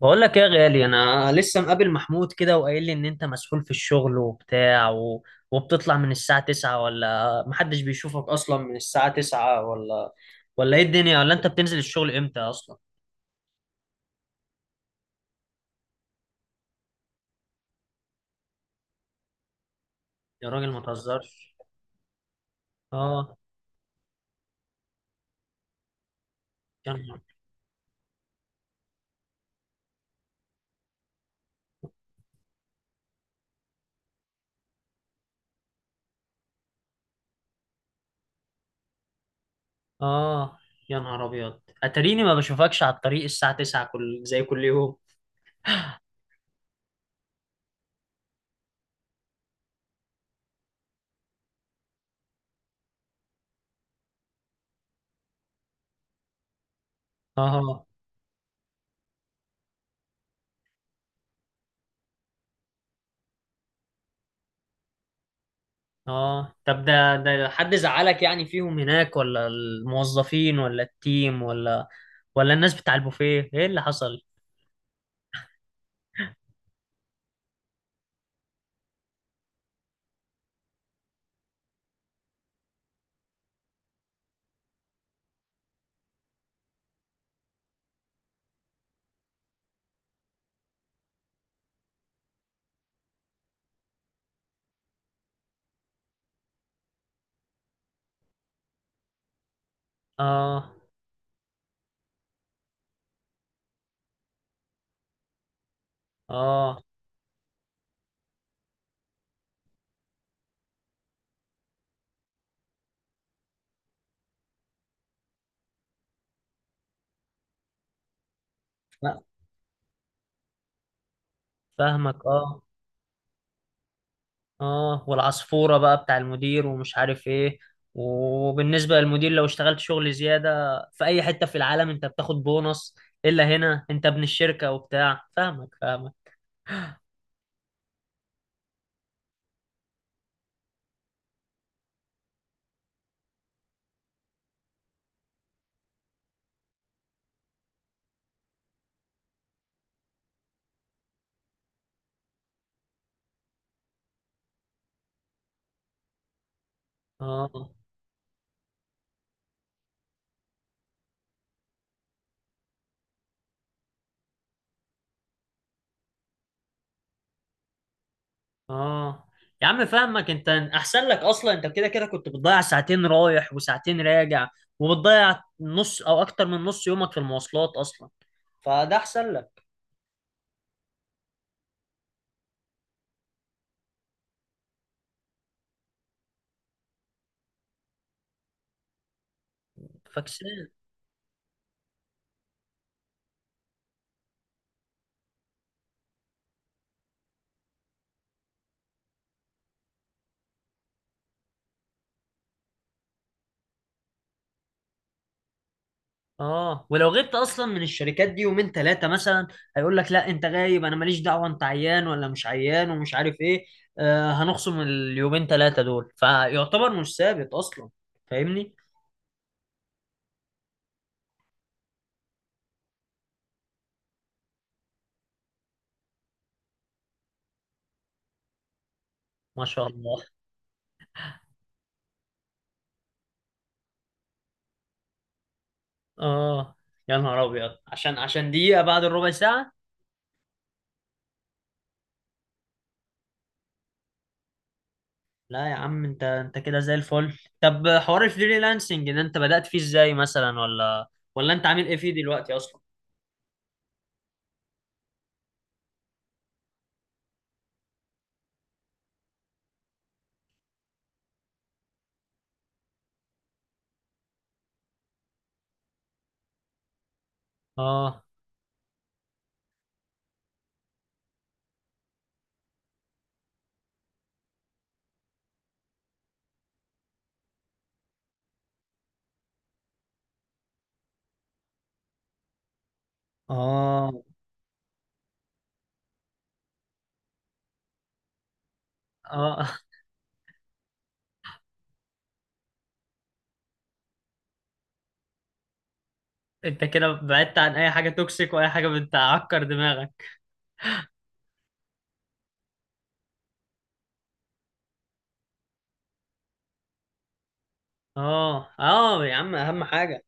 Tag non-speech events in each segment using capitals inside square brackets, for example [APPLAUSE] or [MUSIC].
بقول لك ايه يا غالي؟ انا لسه مقابل محمود كده، وقايل لي ان انت مسحول في الشغل وبتاع وبتطلع من الساعة 9، ولا محدش بيشوفك اصلا من الساعة 9، ولا ايه الدنيا؟ ولا انت بتنزل الشغل امتى اصلا؟ يا راجل ما تهزرش. اه. يا نهار. اه. يا نهار ابيض، اتريني ما بشوفكش على الطريق الساعة 9 كل يوم. اه. اه، طب ده حد زعلك يعني فيهم هناك؟ ولا الموظفين، ولا التيم، ولا الناس بتاع البوفيه؟ ايه اللي حصل؟ اه. اه. لا، فاهمك. اه. اه، والعصفورة بقى بتاع المدير ومش عارف ايه. وبالنسبة للمدير، لو اشتغلت شغل زيادة في اي حتة في العالم انت بتاخد بونص، الا هنا انت ابن الشركة وبتاع. فاهمك فاهمك. اه. اه يا عم فاهمك، انت احسن لك اصلا. انت كده كده كنت بتضيع ساعتين رايح وساعتين راجع، وبتضيع نص او اكتر من نص يومك في المواصلات اصلا، فده احسن لك. فاكس. اه، ولو غبت اصلا من الشركات دي يومين ثلاثه مثلا، هيقول لك لا انت غايب، انا ماليش دعوه انت عيان ولا مش عيان ومش عارف ايه. هنخصم اليومين ثلاثه دول، فيعتبر مش ثابت اصلا. فاهمني. ما شاء الله. اه، يا نهار ابيض، عشان دقيقه بعد الربع ساعه. لا يا عم، انت كده زي الفل. طب حوار الفريلانسنج ده انت بدأت فيه ازاي مثلا؟ ولا انت عامل ايه فيه دلوقتي اصلا؟ اه. اه. اه. [LAUGHS] انت كده بعدت عن اي حاجه توكسيك واي حاجه بتعكر دماغك. اه. اه يا عم، اهم حاجه.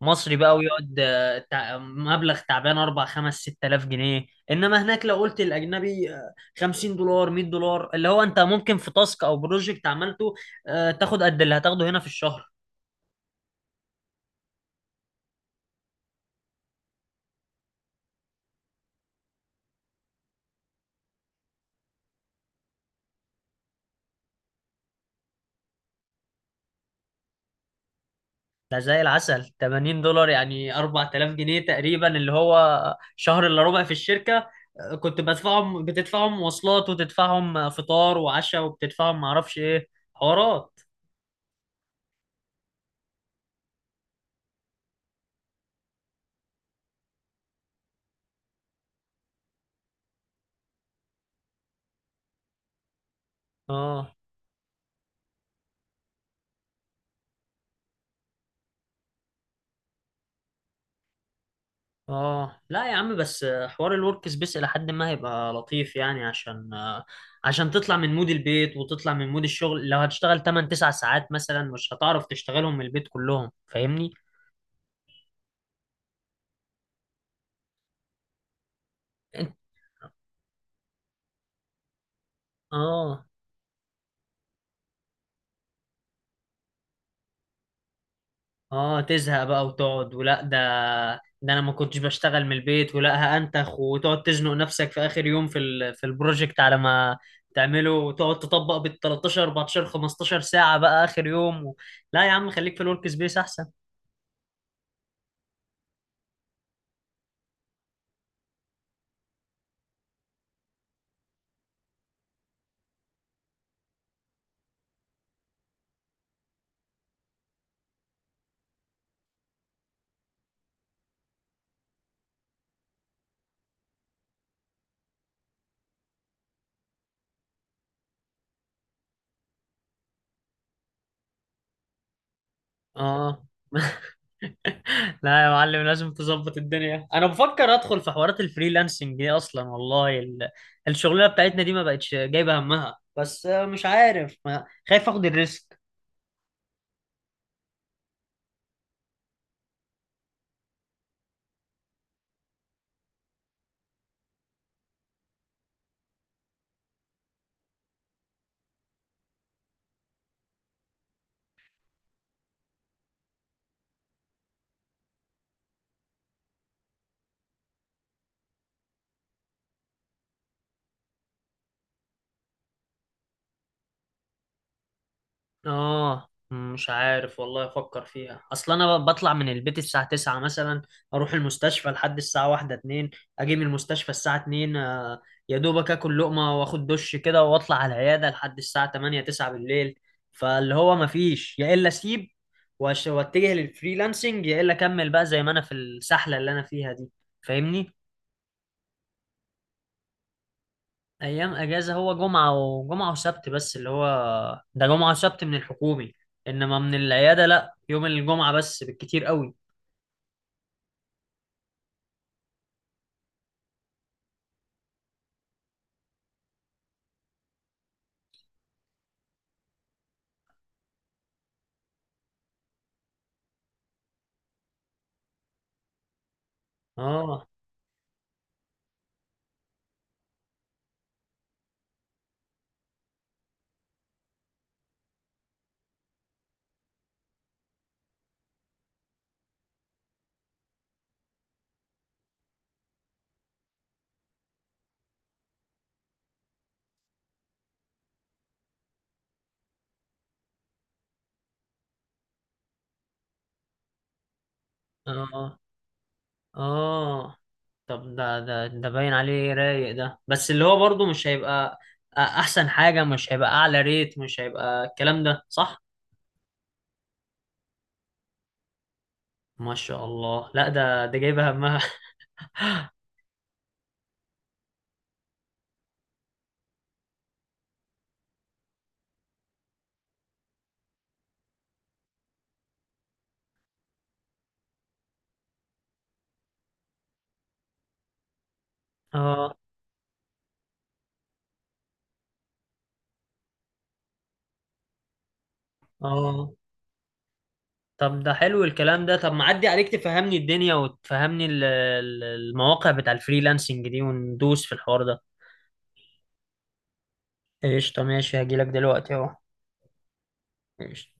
مصري بقى ويقعد مبلغ تعبان 4 5 6000 جنيه. انما هناك لو قلت الاجنبي 50 دولار 100 دولار، اللي هو انت ممكن في تاسك او بروجكت عملته تاخد قد اللي هتاخده هنا في الشهر. ده زي العسل 80 دولار يعني 4000 جنيه تقريبا، اللي هو شهر الا ربع في الشركة كنت بدفعهم بتدفعهم مواصلات، وتدفعهم فطار وعشاء، وبتدفعهم معرفش ايه حوارات. اه. اه، لا يا عم، بس حوار الورك سبيس الى حد ما هيبقى لطيف، يعني عشان تطلع من مود البيت وتطلع من مود الشغل. لو هتشتغل 8 9 ساعات مثلا مش هتعرف تشتغلهم من البيت كلهم. فاهمني؟ انت. اه. اه، تزهق بقى وتقعد ولا ده انا ما كنتش بشتغل من البيت ولا هأنتخ، وتقعد تزنق نفسك في اخر يوم في في البروجكت على ما تعمله، وتقعد تطبق بال 13 14 15 ساعة بقى اخر يوم لا يا عم خليك في الورك سبيس احسن. اه. [LAUGHS] لا يا معلم لازم تظبط الدنيا. انا بفكر ادخل في حوارات الفريلانسنج دي اصلا. والله الشغلانة بتاعتنا دي ما بقتش جايبة همها، بس مش عارف ما... خايف اخد الريسك. اه مش عارف، والله افكر فيها، اصل انا بطلع من البيت الساعة 9 مثلا، اروح المستشفى لحد الساعة 1 2، اجي من المستشفى الساعة 2 يا دوبك اكل لقمة واخد دش كده واطلع على العيادة لحد الساعة 8 9 بالليل. فاللي هو مفيش، يا الا اسيب واتجه للفريلانسنج، يا الا اكمل بقى زي ما انا في السحلة اللي انا فيها دي. فاهمني؟ ايام اجازه هو جمعه وسبت بس، اللي هو ده جمعه وسبت من الحكومي، انما من العياده لا، يوم الجمعه بس بالكتير قوي. اه. اه. اه، طب ده باين عليه رايق ده، بس اللي هو برضه مش هيبقى احسن حاجه. مش هيبقى اعلى ريت، مش هيبقى الكلام ده صح. ما شاء الله، لا ده جايبه همها. [LAUGHS] اه. اه، طب ده حلو الكلام ده. طب ما عدي عليك تفهمني الدنيا وتفهمني المواقع بتاع الفريلانسنج دي، وندوس في الحوار ده. قشطة ماشي، هجيلك دلوقتي اهو. قشطة.